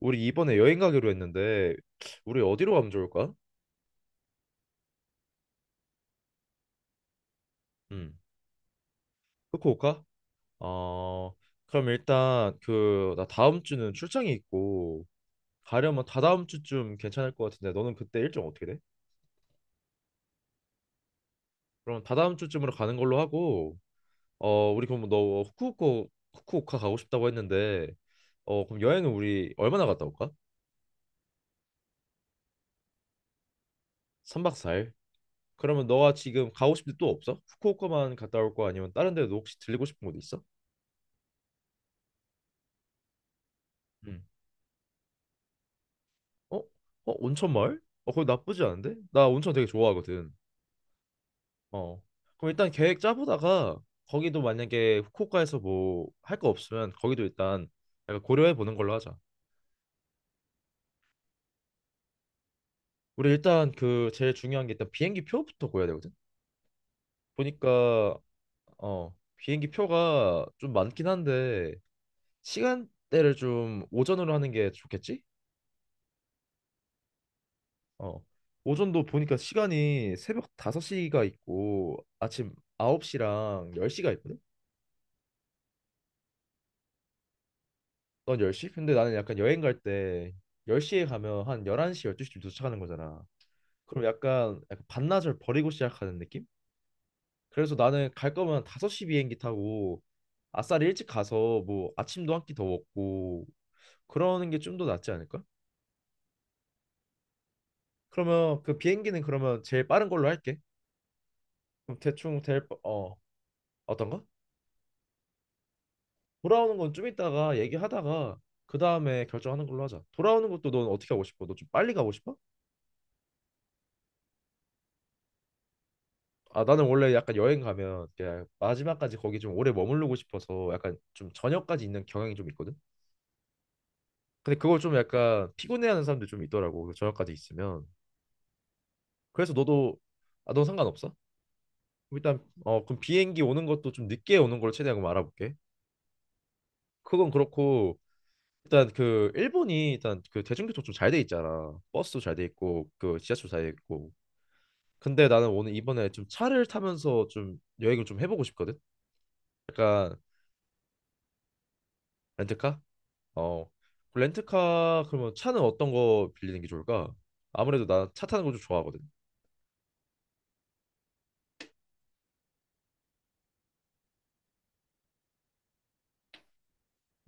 우리 이번에 여행 가기로 했는데 우리 어디로 가면 좋을까? 음, 후쿠오카? 어, 그럼 일단 그 나 다음 주는 출장이 있고 가려면 다다음 주쯤 괜찮을 것 같은데 너는 그때 일정 어떻게 돼? 그럼 다다음 주쯤으로 가는 걸로 하고 우리 그럼 너 후쿠오카 가고 싶다고 했는데 그럼 여행은 우리 얼마나 갔다 올까? 3박 4일? 그러면 너가 지금 가고 싶은 데 또 없어? 후쿠오카만 갔다 올 거 아니면 다른 데도 혹시 들리고 싶은 곳 있어? 음. 어? 어? 온천 마을? 어, 거기 나쁘지 않은데? 나 온천 되게 좋아하거든. 어. 그럼 일단 계획 짜보다가 거기도 만약에 후쿠오카에서 뭐 할 거 없으면 거기도 일단 약간 고려해 보는 걸로 하자. 우리 일단 그 제일 중요한 게 일단 비행기 표부터 구해야 되거든. 보니까 비행기 표가 좀 많긴 한데 시간대를 좀 오전으로 하는 게 좋겠지? 어. 오전도 보니까 시간이 새벽 5시가 있고 아침 9시랑 10시가 있거든. 넌 10시? 근데 나는 약간 여행 갈 때 10시에 가면 한 11시, 12시쯤 도착하는 거잖아. 그럼 약간 반나절 버리고 시작하는 느낌? 그래서 나는 갈 거면 5시 비행기 타고 아싸리 일찍 가서 뭐 아침도 한 끼 더 먹고 그러는 게 좀 더 낫지 않을까? 그러면 그 비행기는 그러면 제일 빠른 걸로 할게. 그럼 대충 어떤가? 돌아오는 건 좀 이따가 얘기하다가 그 다음에 결정하는 걸로 하자. 돌아오는 것도 넌 어떻게 하고 싶어? 너 좀 빨리 가고 싶어? 아 나는 원래 약간 여행 가면 그냥 마지막까지 거기 좀 오래 머무르고 싶어서 약간 좀 저녁까지 있는 경향이 좀 있거든. 근데 그걸 좀 약간 피곤해하는 사람들 좀 있더라고. 그 저녁까지 있으면. 그래서 너도 아 너 상관없어? 일단 그럼 비행기 오는 것도 좀 늦게 오는 걸 최대한 그럼 알아볼게. 그건 그렇고 일단 그 일본이 일단 그 대중교통 좀 잘 돼 있잖아. 버스도 잘 돼 있고 그 지하철 잘 돼 있고. 근데 나는 오늘 이번에 좀 차를 타면서 좀 여행을 좀 해보고 싶거든. 약간 렌트카? 어, 그 렌트카 그러면 차는 어떤 거 빌리는 게 좋을까? 아무래도 나 차 타는 거 좀 좋아하거든.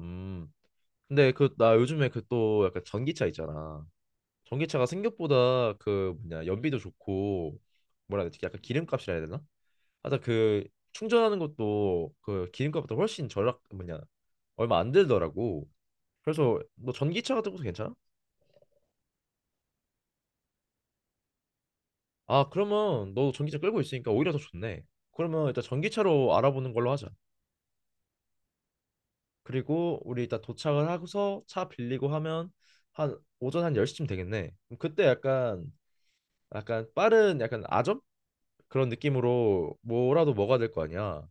음. 근데 그 나 요즘에 그 또 약간 전기차 있잖아. 전기차가 생각보다 그 뭐냐 연비도 좋고 뭐라 해야 되지? 약간 기름값이라 해야 되나? 하여튼 그 충전하는 것도 그 기름값보다 훨씬 절약 뭐냐 얼마 안 들더라고. 그래서 너 전기차 같은 것도 괜찮아? 아 그러면 너 전기차 끌고 있으니까 오히려 더 좋네. 그러면 일단 전기차로 알아보는 걸로 하자. 그리고 우리 일단 도착을 하고서 차 빌리고 하면 한 오전 한 10시쯤 되겠네. 그럼 그때 약간 약간 빠른 약간 아점 그런 느낌으로 뭐라도 먹어야 될 거 아니야.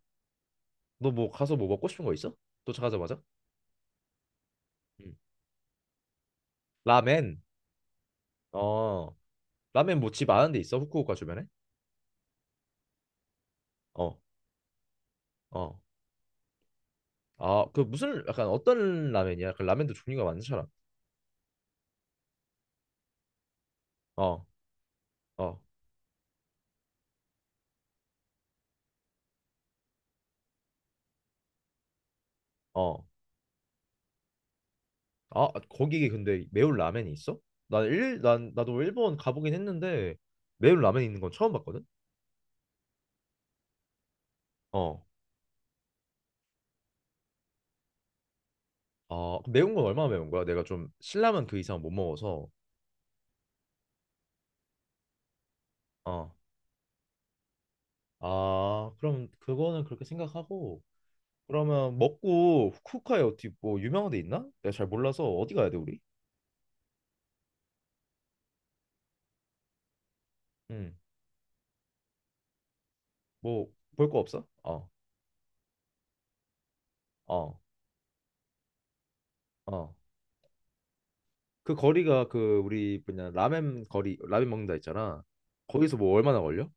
너 뭐 가서 뭐 먹고 싶은 거 있어? 도착하자마자? 응. 라멘. 어. 라멘 뭐 집 아는 데 있어? 후쿠오카 주변에? 어. 어. 아, 그 무슨 약간 어떤 라멘이야? 그 라멘도 종류가 많잖아. 어. 어. 어. 아, 거기 근데 매운 라면이 있어? 난 나도 일본 가보긴 했는데 매운 라면 있는 건 처음 봤거든. 어. 아, 그럼 매운 건 얼마나 매운 거야? 내가 좀 신라면 그 이상 못 먹어서. 어. 아, 그럼 그거는 그렇게 생각하고 그러면 먹고 후쿠오카에 어디 뭐 유명한 데 있나? 내가 잘 몰라서 어디 가야 돼, 우리? 응. 뭐 볼 거 없어? 어. 어. 어. 그 거리가 그 우리 뭐냐 라멘 거리 라멘 먹는다 했잖아. 거기서 뭐 얼마나 걸려?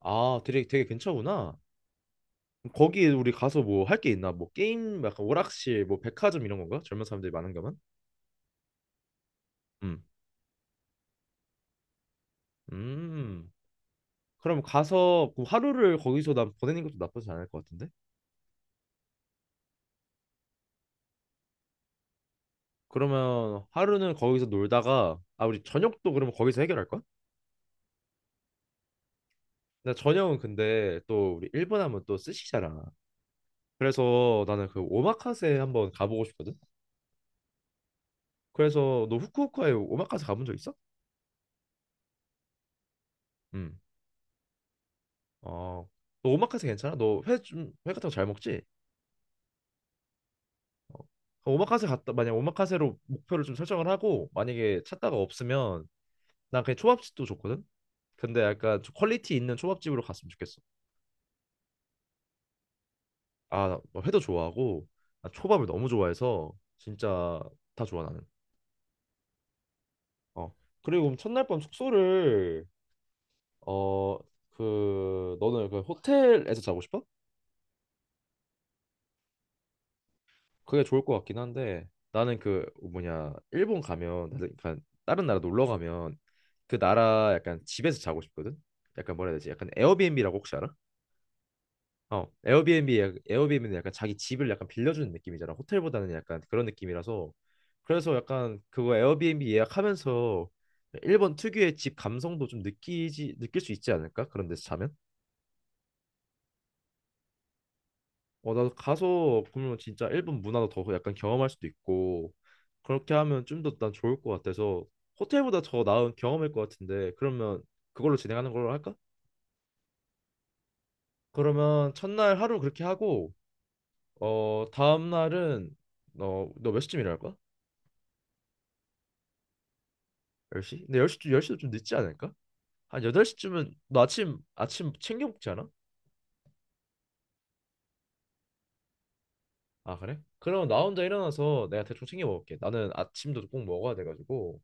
아, 되게 되게 근처구나. 거기 우리 가서 뭐 할 게 있나? 뭐 게임, 약간 오락실, 뭐 백화점 이런 건가? 젊은 사람들이 많은 가만? 음. 음. 그럼 가서 그 하루를 거기서 난 보내는 것도 나쁘지 않을 것 같은데? 그러면 하루는 거기서 놀다가 아 우리 저녁도 그러면 거기서 해결할 거야? 나 저녁은 근데 또 우리 일본 하면 또 스시잖아. 그래서 나는 그 오마카세 한번 가보고 싶거든. 그래서 너 후쿠오카에 오마카세 가본 적 있어? 음. 어. 너 오마카세 괜찮아? 너 회 같은 거 잘 먹지? 어, 오마카세 갔다 만약 오마카세로 목표를 좀 설정을 하고 만약에 찾다가 없으면 난 그냥 초밥집도 좋거든. 근데 약간 좀 퀄리티 있는 초밥집으로 갔으면 좋겠어. 아나 회도 좋아하고 나 초밥을 너무 좋아해서 진짜 다 좋아 나는. 어 그리고 그럼 첫날 밤 숙소를 어 그 너는 그 호텔에서 자고 싶어? 그게 좋을 것 같긴 한데 나는 그 뭐냐 일본 가면 그러니까 다른 나라 놀러 가면 그 나라 약간 집에서 자고 싶거든. 약간 뭐라 해야 되지? 약간 에어비앤비라고 혹시 알아? 어, 에어비앤비는 약간 자기 집을 약간 빌려주는 느낌이잖아. 호텔보다는 약간 그런 느낌이라서 그래서 약간 그거 에어비앤비 예약하면서 일본 특유의 집 감성도 좀 느끼지 느낄 수 있지 않을까? 그런 데서 자면? 어, 나도 가서 그러면 진짜 일본 문화도 더 약간 경험할 수도 있고 그렇게 하면 좀 더 난 좋을 것 같아서 호텔보다 더 나은 경험일 것 같은데 그러면 그걸로 진행하는 걸로 할까? 그러면 첫날 하루 그렇게 하고 어 다음 날은 너너몇 시쯤 일어날 거야? 10시? 근데 10시 쯤 열 시도 좀 늦지 않을까? 한 8시쯤은 너 아침 챙겨 먹지 않아? 아 그래? 그럼 나 혼자 일어나서 내가 대충 챙겨 먹을게 나는 아침도 꼭 먹어야 돼가지고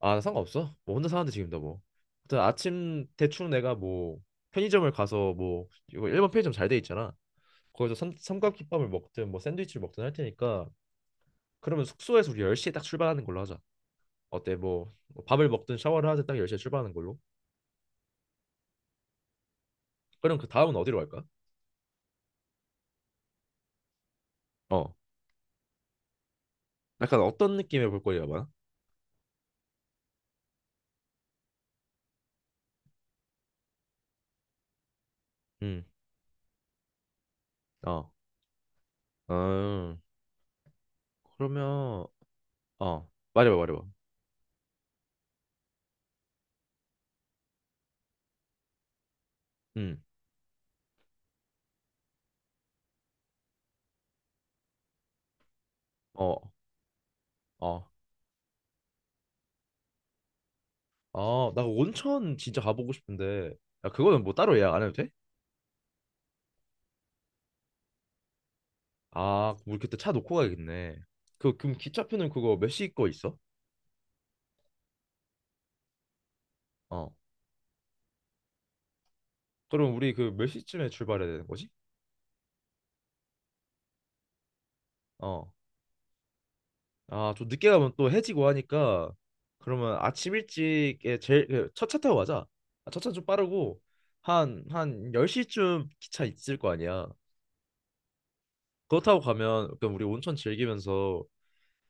아, 나 상관없어. 뭐 혼자 사는데 지금 다 뭐. 하여튼 아침 대충 내가 뭐 편의점을 가서 뭐 이거 일본 편의점 잘 돼 있잖아. 거기서 삼각김밥을 먹든 뭐 샌드위치를 먹든 할 테니까 그러면 숙소에서 우리 10시에 딱 출발하는 걸로 하자. 어때? 뭐 밥을 먹든 샤워를 하든 딱 10시에 출발하는 걸로. 그럼 그 다음은 어디로 갈까? 어. 약간 어떤 느낌의 볼거리가 많아? 음. 어. 어. 그러면 어. 말해봐, 말해봐. 음. 어. 어. 아, 나 온천 진짜 가보고 싶은데 야, 그거는 뭐 따로 예약 안 해도 돼? 아, 우리 그때 차 놓고 가야겠네. 그럼 기차표는 그거 몇 시 거 있어? 어. 그럼 우리 그 몇 시쯤에 출발해야 되는 거지? 어. 아, 좀 늦게 가면 또 해지고 하니까 그러면 아침 일찍에 제일 그 첫차 타고 가자. 아, 첫차 좀 빠르고 한 10시쯤 기차 있을 거 아니야. 그거 타고 가면 약간 우리 온천 즐기면서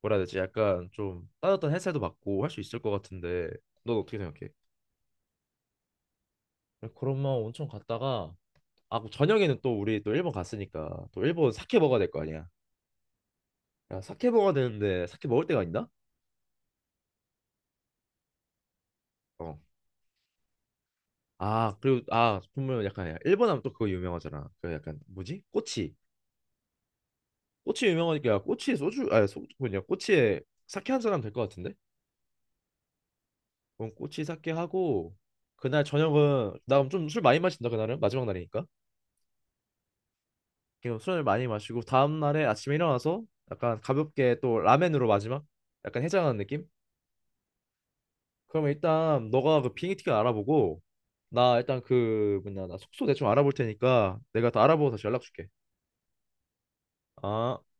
뭐라 해야 되지? 약간 좀 따뜻한 햇살도 받고 할 수 있을 것 같은데 넌 어떻게 생각해? 그러면 온천 갔다가 아, 그럼 저녁에는 또 우리 또 일본 갔으니까 또 일본 사케 먹어야 될 거 아니야. 야, 사케 먹어야 되는데 사케 먹을 데가 있나? 어. 아, 그리고 아, 보면 약간 야, 일본 하면 또 그거 유명하잖아. 그 약간 뭐지? 꼬치. 꼬치 유명하니까 꼬치에 소주 아니 소주 뭐냐? 꼬치에 사케 한잔 하면 될 것 같은데? 그럼 꼬치 사케 하고 그날 저녁은 나 그럼 좀 술 많이 마신다 그날은 마지막 날이니까. 그럼 술을 많이 마시고 다음 날에 아침에 일어나서 약간 가볍게 또 라멘으로 마지막 약간 해장하는 느낌? 그러면 일단 너가 그 비행기 티켓 알아보고 나 일단 그 뭐냐 나 숙소 대충 알아볼 테니까 내가 다 알아보고 다시 연락 줄게. 아.